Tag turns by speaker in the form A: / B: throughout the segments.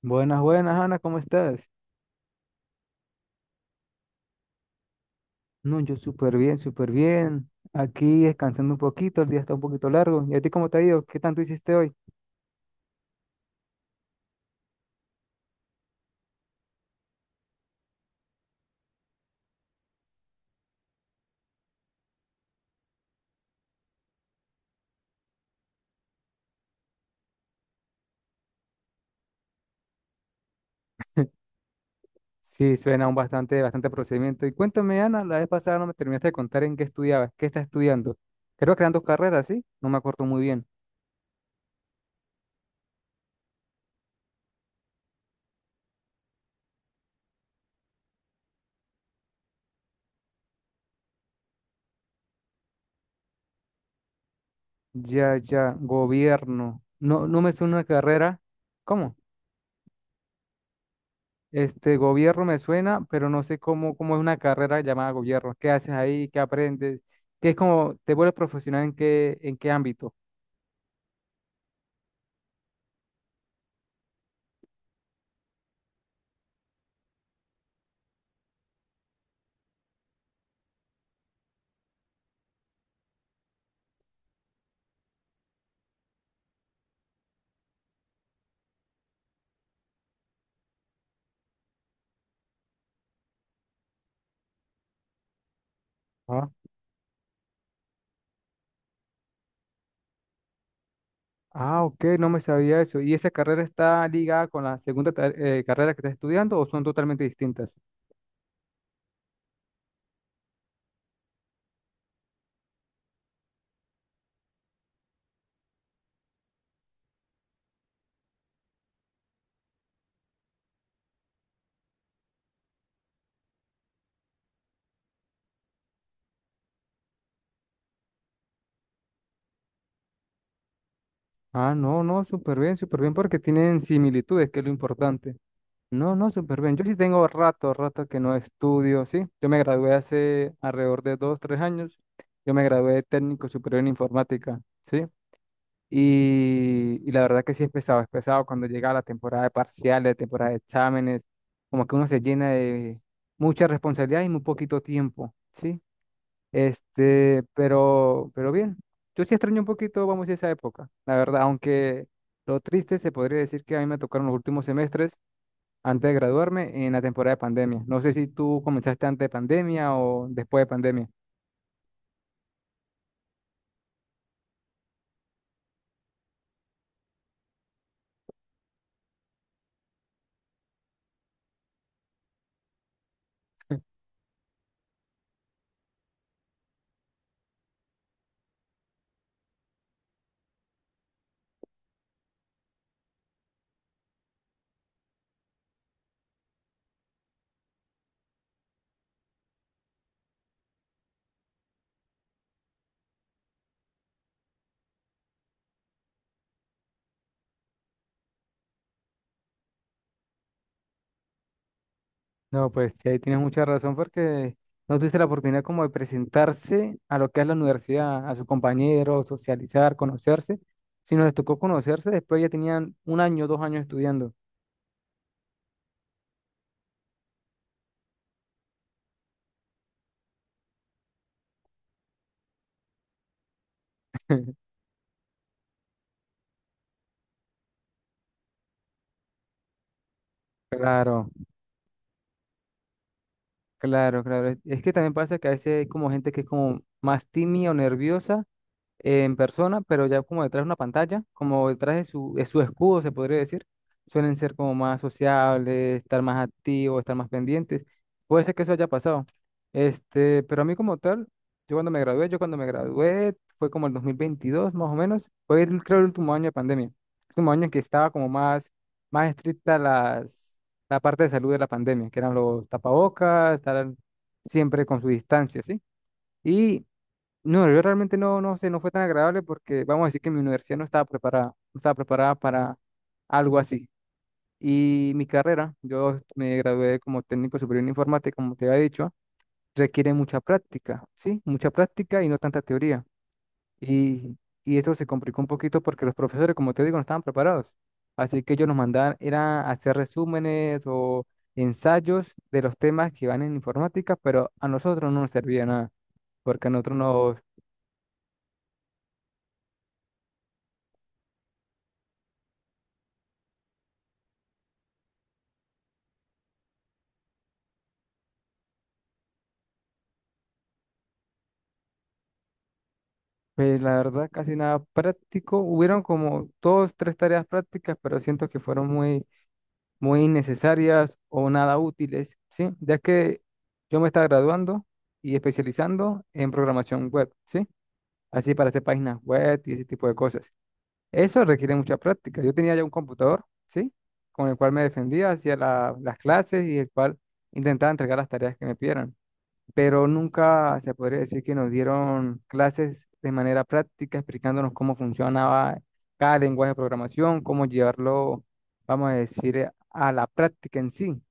A: Buenas, buenas, Ana, ¿cómo estás? No, yo súper bien, súper bien. Aquí descansando un poquito, el día está un poquito largo. ¿Y a ti cómo te ha ido? ¿Qué tanto hiciste hoy? Sí, suena un bastante, bastante procedimiento. Y cuéntame, Ana, la vez pasada no me terminaste de contar en qué estudiabas, qué estás estudiando. Creo que eran dos carreras, ¿sí? No me acuerdo muy bien. Ya, ya, gobierno. No, no me suena una carrera. ¿Cómo? Este gobierno me suena, pero no sé cómo, cómo es una carrera llamada gobierno. ¿Qué haces ahí? ¿Qué aprendes? ¿Qué es como te vuelves profesional en qué ámbito? Ah, ah, ok, no me sabía eso. ¿Y esa carrera está ligada con la segunda carrera que estás estudiando o son totalmente distintas? Ah, no, no, súper bien porque tienen similitudes, que es lo importante. No, no, súper bien. Yo sí tengo rato, rato que no estudio, ¿sí? Yo me gradué hace alrededor de dos, tres años. Yo me gradué de técnico superior en informática, ¿sí? Y la verdad que sí es pesado cuando llega la temporada de parciales, temporada de exámenes, como que uno se llena de mucha responsabilidad y muy poquito tiempo, ¿sí? Este, pero bien, yo sí extraño un poquito, vamos, esa época, la verdad, aunque lo triste se podría decir que a mí me tocaron los últimos semestres antes de graduarme en la temporada de pandemia. No sé si tú comenzaste antes de pandemia o después de pandemia. No, pues sí, ahí tienes mucha razón porque no tuviste la oportunidad como de presentarse a lo que es la universidad, a sus compañeros, socializar, conocerse. Si les tocó conocerse, después ya tenían un año, dos años estudiando. Claro, claro, claro. Es que también pasa que a veces hay como gente que es como más tímida o nerviosa en persona, pero ya como detrás de una pantalla, como detrás de su escudo, se podría decir, suelen ser como más sociables, estar más activos, estar más pendientes. Puede ser que eso haya pasado. Este, pero a mí como tal, yo cuando me gradué, fue como el 2022 más o menos, fue el, creo el último año de pandemia, el último año en que estaba como más, más estricta las, la parte de salud de la pandemia, que eran los tapabocas, estar siempre con su distancia, ¿sí? Y no, yo realmente no, no sé, no fue tan agradable porque vamos a decir que mi universidad no estaba preparada, no estaba preparada para algo así. Y mi carrera, yo me gradué como técnico superior en informática, como te había dicho, requiere mucha práctica, ¿sí? Mucha práctica y no tanta teoría. Y, y eso se complicó un poquito porque los profesores, como te digo, no estaban preparados. Así que ellos nos mandaban, era hacer resúmenes o ensayos de los temas que van en informática, pero a nosotros no nos servía nada porque a nosotros nos... Pues la verdad, casi nada práctico. Hubieron como dos, tres tareas prácticas, pero siento que fueron muy, muy innecesarias o nada útiles, ¿sí? Ya que yo me estaba graduando y especializando en programación web, ¿sí? Así para hacer páginas web y ese tipo de cosas. Eso requiere mucha práctica. Yo tenía ya un computador, ¿sí? Con el cual me defendía, hacía las clases y el cual intentaba entregar las tareas que me pidieran, pero nunca se podría decir que nos dieron clases de manera práctica explicándonos cómo funcionaba cada lenguaje de programación, cómo llevarlo, vamos a decir, a la práctica en sí.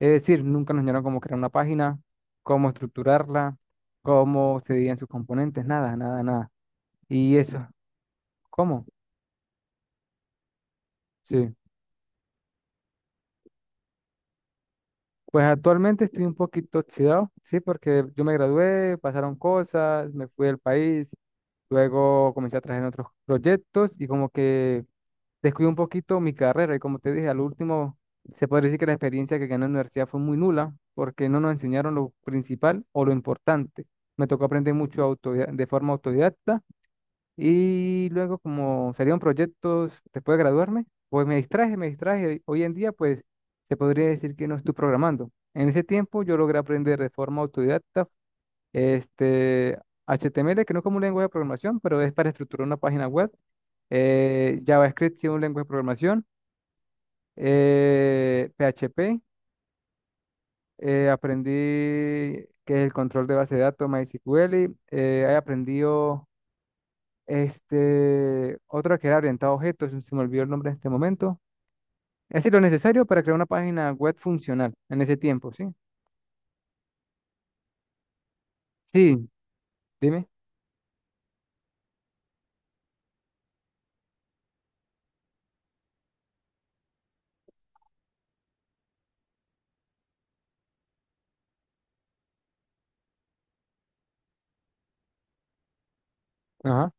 A: Es decir, nunca nos dieron cómo crear una página, cómo estructurarla, cómo se dividían sus componentes, nada, nada, nada. Y eso, ¿cómo? Sí. Pues actualmente estoy un poquito oxidado, sí, porque yo me gradué, pasaron cosas, me fui del país, luego comencé a trabajar en otros proyectos y como que descuido un poquito mi carrera y como te dije, al último se podría decir que la experiencia que gané en la universidad fue muy nula porque no nos enseñaron lo principal o lo importante. Me tocó aprender mucho de forma autodidacta y luego como salieron proyectos después de graduarme, pues me distraje, me distraje. Hoy en día pues se podría decir que no estoy programando. En ese tiempo yo logré aprender de forma autodidacta este, HTML, que no es como un lenguaje de programación, pero es para estructurar una página web. JavaScript, sí, un lenguaje de programación. PHP, aprendí que es el control de base de datos, MySQL. He aprendido este, otro que era orientado a objetos, se me olvidó el nombre en este momento. Es decir, lo necesario para crear una página web funcional en ese tiempo, ¿sí? Sí, dime. Ajá,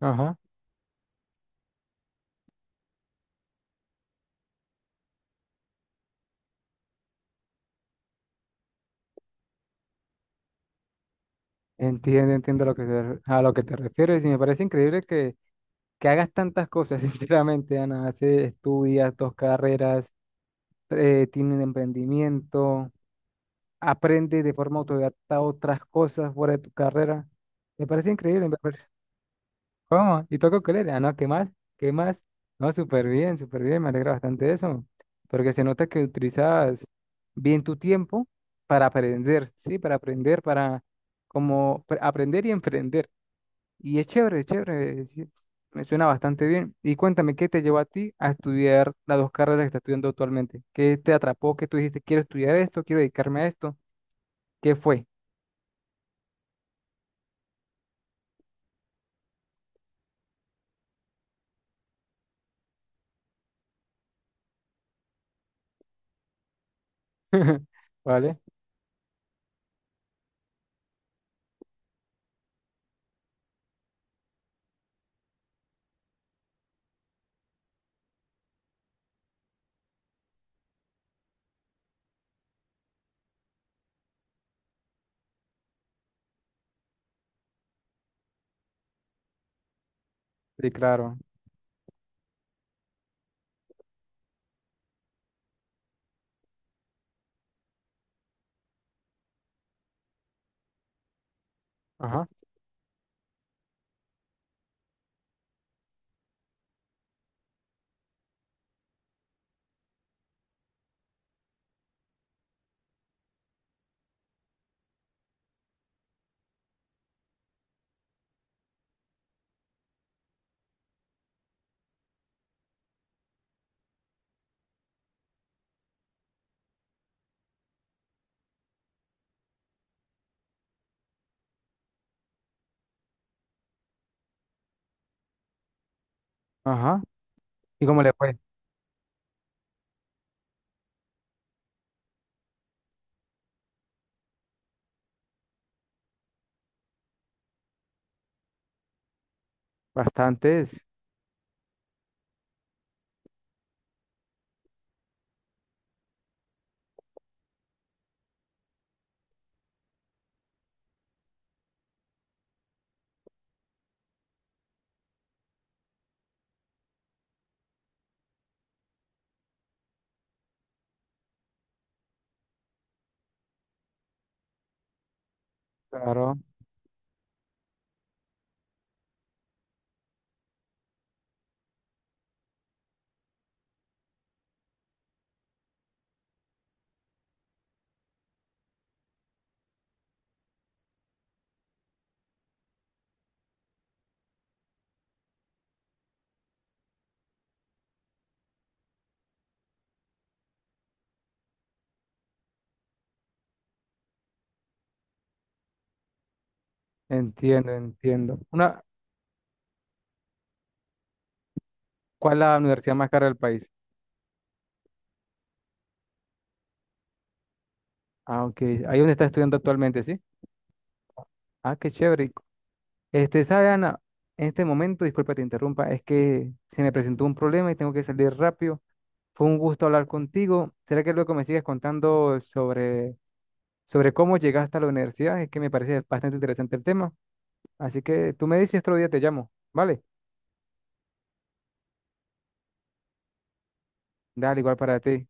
A: ajá. Entiendo, entiendo lo que a lo que te refieres y me parece increíble que hagas tantas cosas, sinceramente, Ana. Hace, estudias dos carreras, tiene un emprendimiento, aprendes de forma autodidacta otras cosas fuera de tu carrera. Me parece increíble. Me parece... ¿Cómo? ¿Y toco ukulele? Ah, no, ¿qué más? ¿Qué más? No, súper bien, súper bien. Me alegra bastante de eso. Porque se nota que utilizas bien tu tiempo para aprender, ¿sí? Para aprender, para como aprender y emprender. Y es chévere, es chévere, es decir, me suena bastante bien. Y cuéntame, ¿qué te llevó a ti a estudiar las dos carreras que estás estudiando actualmente? ¿Qué te atrapó? ¿Qué tú dijiste, quiero estudiar esto, quiero dedicarme a esto? ¿Qué fue? ¿Vale? Sí, claro. Ajá, ajá. ¿Y cómo le fue? Bastantes. Claro, entiendo, entiendo. Una, ¿cuál es la universidad más cara del país? Ah, ok. Ahí donde estás estudiando actualmente, ¿sí? Ah, qué chévere. Este, ¿sabe, Ana? En este momento, disculpa, te interrumpa, es que se me presentó un problema y tengo que salir rápido. Fue un gusto hablar contigo. ¿Será que luego me sigues contando sobre, sobre cómo llegaste a la universidad? Es que me parece bastante interesante el tema. Así que tú me dices, otro día te llamo. ¿Vale? Dale igual para ti.